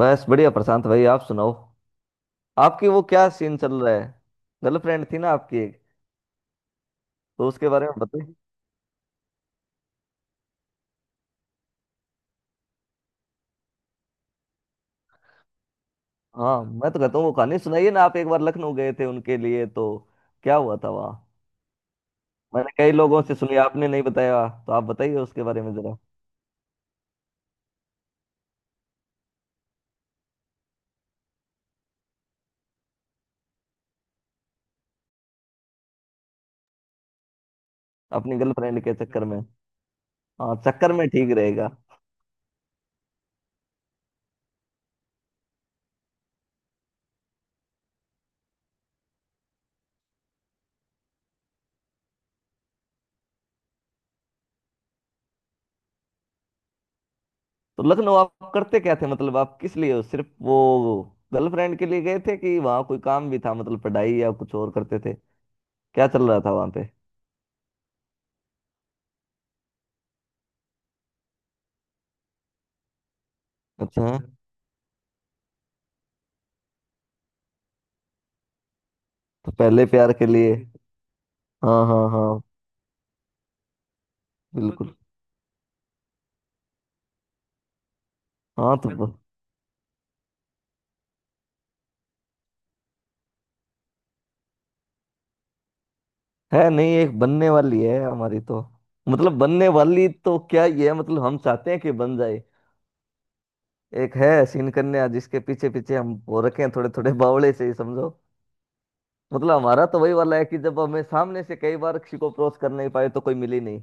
बस बढ़िया प्रशांत भाई, आप सुनाओ। आपकी वो क्या सीन चल रहा है? गर्लफ्रेंड थी ना आपकी एक, तो उसके बारे में बताइए। हाँ, मैं तो कहता हूँ वो कहानी सुनाइए ना, आप एक बार लखनऊ गए थे उनके लिए, तो क्या हुआ था वहाँ? मैंने कई लोगों से सुनी, आपने नहीं बताया, तो आप बताइए उसके बारे में जरा। अपनी गर्लफ्रेंड के चक्कर में। हाँ, चक्कर में ठीक रहेगा। तो लखनऊ आप करते क्या थे? मतलब, आप किस लिए, सिर्फ वो गर्लफ्रेंड के लिए गए थे कि वहाँ कोई काम भी था? मतलब पढ़ाई या कुछ और करते थे, क्या चल रहा था वहाँ पे? अच्छा। तो पहले प्यार के लिए। हाँ, हाँ, हाँ। तो बिल्कुल हाँ तो है नहीं, एक बनने वाली है हमारी तो। मतलब बनने वाली तो क्या, ये है मतलब हम चाहते हैं कि बन जाए। एक है सीन कन्या जिसके पीछे पीछे हम वो रखे हैं थोड़े थोड़े बावड़े से ही समझो। मतलब हमारा तो वही वाला है कि जब हमें सामने से कई बार किसी को अप्रोच कर नहीं पाए तो कोई मिली नहीं।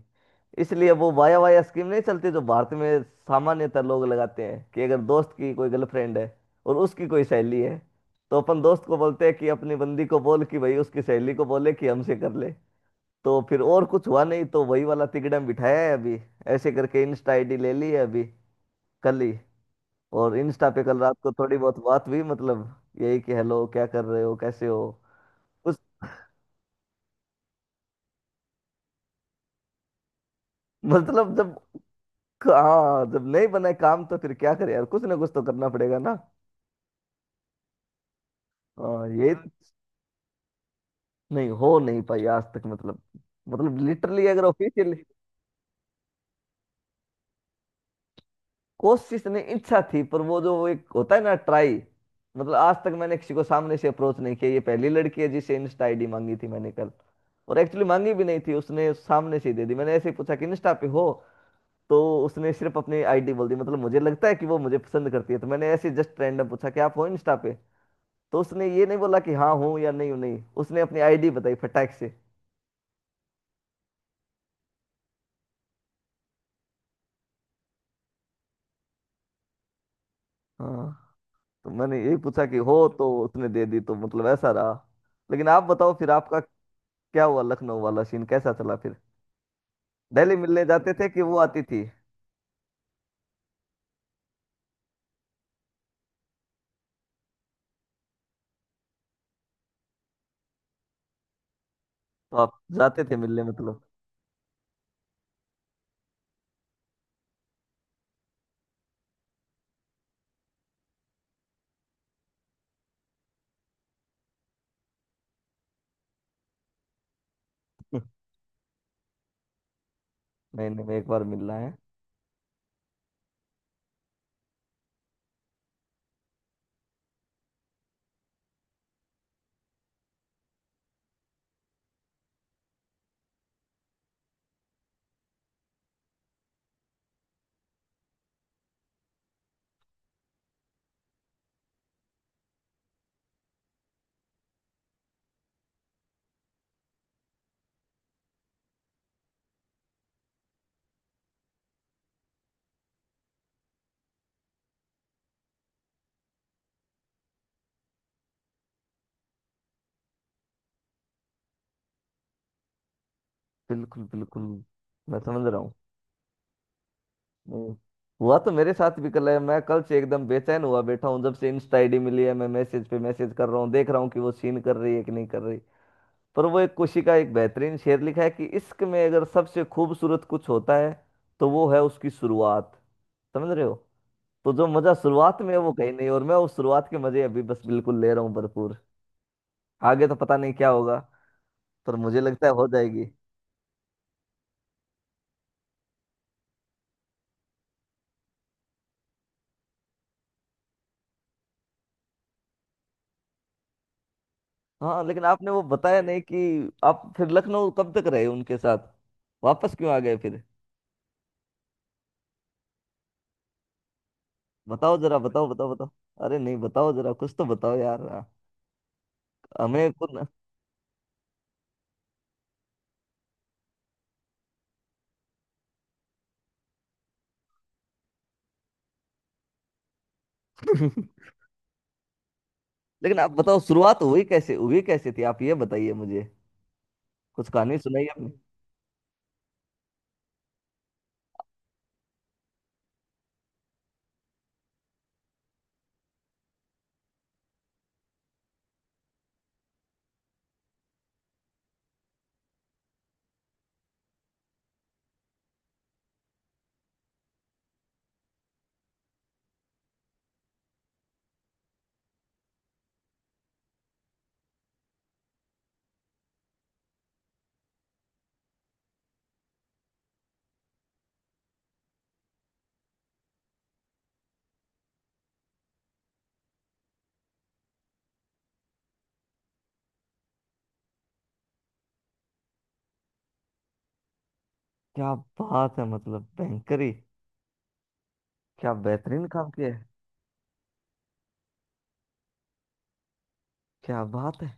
इसलिए वो वाया वाया स्कीम नहीं चलती जो भारत में सामान्यतः लोग लगाते हैं कि अगर दोस्त की कोई गर्लफ्रेंड है और उसकी कोई सहेली है तो अपन दोस्त को बोलते हैं कि अपनी बंदी को बोल कि भाई उसकी सहेली को बोले कि हमसे कर ले। तो फिर और कुछ हुआ नहीं तो वही वाला तिकड़म बिठाया है अभी। ऐसे करके इंस्टा आईडी ले ली है अभी, कल ही। और इंस्टा पे कल रात को थोड़ी बहुत बात हुई, मतलब यही कि हेलो, क्या कर रहे हो, कैसे हो। मतलब जब हाँ जब नहीं बने काम तो फिर क्या करे यार, कुछ ना कुछ तो करना पड़ेगा ना। हाँ, नहीं हो नहीं पाई आज तक। मतलब मतलब लिटरली, अगर ऑफिशियली कोशिश नहीं, इच्छा थी, पर वो जो वो एक होता है ना ट्राई। मतलब आज तक मैंने किसी को सामने से अप्रोच नहीं किया, ये पहली लड़की है जिसे इंस्टा आईडी मांगी थी मैंने कल। और एक्चुअली मांगी भी नहीं थी, उसने सामने से ही दे दी। मैंने ऐसे ही पूछा कि इंस्टा पे हो, तो उसने सिर्फ अपनी आईडी बोल दी। मतलब मुझे लगता है कि वो मुझे पसंद करती है। तो मैंने ऐसे जस्ट रैंडम पूछा कि आप हो इंस्टा पे, तो उसने ये नहीं बोला कि हाँ हूँ या नहीं हूँ, नहीं, उसने अपनी आईडी बताई फटाक से। हाँ, तो मैंने यही पूछा कि हो, तो उसने दे दी, तो मतलब ऐसा रहा। लेकिन आप बताओ फिर आपका क्या हुआ, लखनऊ वाला सीन कैसा चला फिर? डेली मिलने जाते थे कि वो आती थी? तो आप जाते थे मिलने मतलब? नहीं नहीं, मैं एक बार मिलना है। बिल्कुल बिल्कुल, मैं समझ रहा हूँ। नहीं, हुआ तो मेरे साथ भी कल है। मैं कल से एकदम बेचैन हुआ बैठा हूँ, जब से इंस्टा आईडी मिली है। मैं मैसेज पे मैसेज कर रहा हूँ, देख रहा हूँ कि वो सीन कर रही है कि नहीं कर रही। पर वो एक खुशी का, एक बेहतरीन शेर लिखा है कि इश्क में अगर सबसे खूबसूरत कुछ होता है तो वो है उसकी शुरुआत। समझ रहे हो? तो जो मजा शुरुआत में है वो कहीं नहीं, और मैं उस शुरुआत के मजे अभी बस बिल्कुल ले रहा हूँ भरपूर। आगे तो पता नहीं क्या होगा, पर मुझे लगता है हो जाएगी। हाँ, लेकिन आपने वो बताया नहीं कि आप फिर लखनऊ कब तक रहे उनके साथ? वापस क्यों आ गए फिर? बताओ जरा, बताओ बताओ बताओ। अरे नहीं, बताओ जरा, कुछ तो बताओ यार। हमें खुद लेकिन आप बताओ शुरुआत हुई कैसे, हुई कैसे थी, आप ये बताइए मुझे। कुछ कहानी सुनाइए अपनी। क्या बात है, मतलब बैंकरी! क्या बेहतरीन काम किया है! क्या बात है!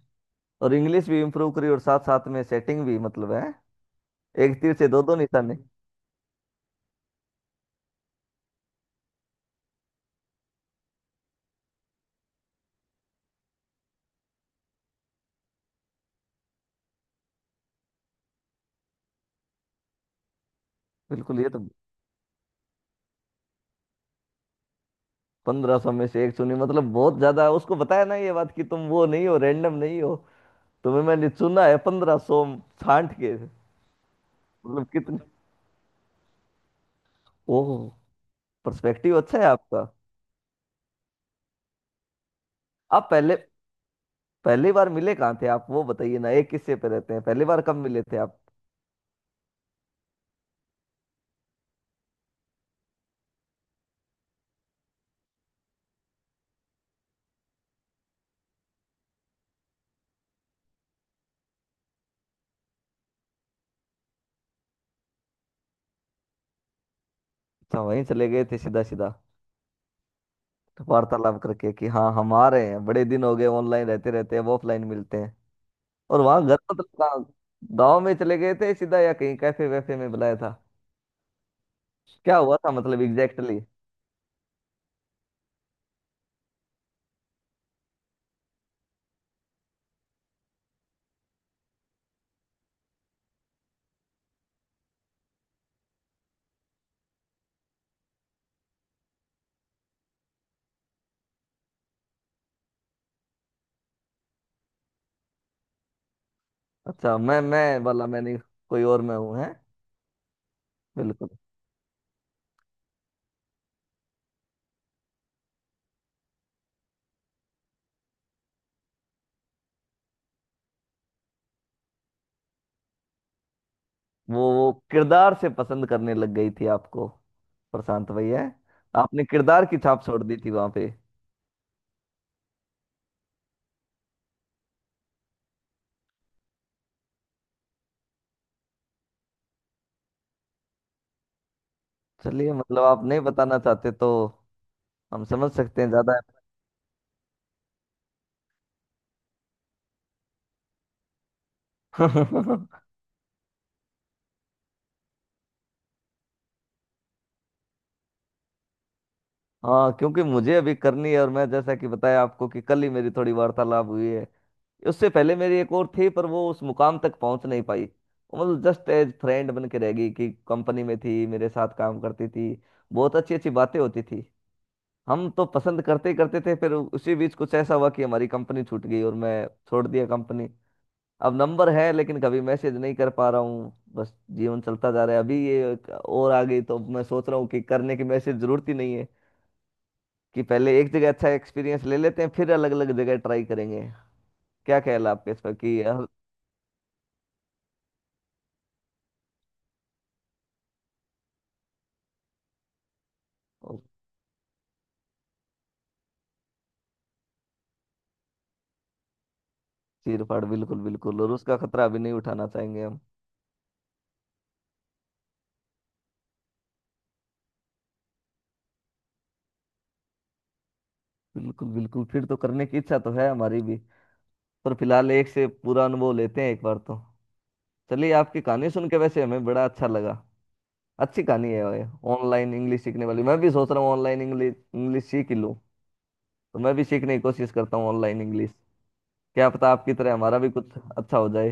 और इंग्लिश भी इम्प्रूव करी और साथ साथ में सेटिंग भी, मतलब है। एक तीर से दो दो निशाने। बिल्कुल, ये तो पंद्रह सौ में से एक चुनी, मतलब बहुत ज्यादा। उसको बताया ना ये बात कि तुम वो नहीं हो, रैंडम नहीं हो, तुम्हें मैंने चुना है पंद्रह सौ छांट के। मतलब कितने! ओह, पर्सपेक्टिव अच्छा है आपका। आप पहले पहली बार मिले कहाँ थे आप, वो बताइए ना, एक किस्से पे रहते हैं। पहली बार कब मिले थे आप? अच्छा, वहीं चले गए थे सीधा सीधा वार्तालाप करके कि हाँ हम आ रहे हैं, बड़े दिन हो गए ऑनलाइन रहते रहते, अब ऑफलाइन मिलते हैं। और वहाँ घर मतलब कहाँ? गाँव में चले गए थे सीधा या कहीं कैफे वैफे में बुलाया था? क्या हुआ था मतलब एग्जैक्टली? अच्छा, मैं वाला मैंने, कोई और मैं हूँ है? बिल्कुल। वो किरदार से पसंद करने लग गई थी आपको, प्रशांत भैया। आपने किरदार की छाप छोड़ दी थी वहां पे। चलिए, मतलब आप नहीं बताना चाहते तो हम समझ सकते हैं ज्यादा हाँ, क्योंकि मुझे अभी करनी है, और मैं जैसा कि बताया आपको कि कल ही मेरी थोड़ी वार्तालाप हुई है। उससे पहले मेरी एक और थी, पर वो उस मुकाम तक पहुंच नहीं पाई। वो मतलब जस्ट एज फ्रेंड बन के रह गई कि कंपनी में थी, मेरे साथ काम करती थी। बहुत अच्छी अच्छी बातें होती थी, हम तो पसंद करते ही करते थे। फिर उसी बीच कुछ ऐसा हुआ कि हमारी कंपनी छूट गई और मैं छोड़ दिया कंपनी। अब नंबर है लेकिन कभी मैसेज नहीं कर पा रहा हूँ, बस जीवन चलता जा रहा है। अभी ये एक और आ गई तो मैं सोच रहा हूँ कि करने की, मैसेज जरूरत ही नहीं है कि पहले एक जगह अच्छा एक्सपीरियंस ले लेते हैं फिर अलग अलग जगह ट्राई करेंगे। क्या ख्याल है आपके इस पर कि चीर फाड़, बिल्कुल बिल्कुल, और उसका खतरा अभी नहीं उठाना चाहेंगे हम। बिल्कुल बिल्कुल, फिर तो करने की इच्छा तो है हमारी भी, पर फिलहाल एक से पूरा अनुभव लेते हैं एक बार तो। चलिए, आपकी कहानी सुन के वैसे हमें बड़ा अच्छा लगा। अच्छी कहानी है भाई। ऑनलाइन इंग्लिश सीखने वाली, मैं भी सोच रहा हूँ ऑनलाइन इंग्लिश इंग्लिश सीख ही लूँ। तो मैं भी सीखने की कोशिश करता हूँ ऑनलाइन इंग्लिश। क्या पता आपकी तरह हमारा भी कुछ अच्छा हो जाए।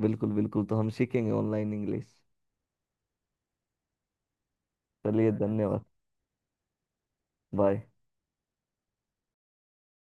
बिल्कुल बिल्कुल, तो हम सीखेंगे ऑनलाइन इंग्लिश। चलिए धन्यवाद। बाय।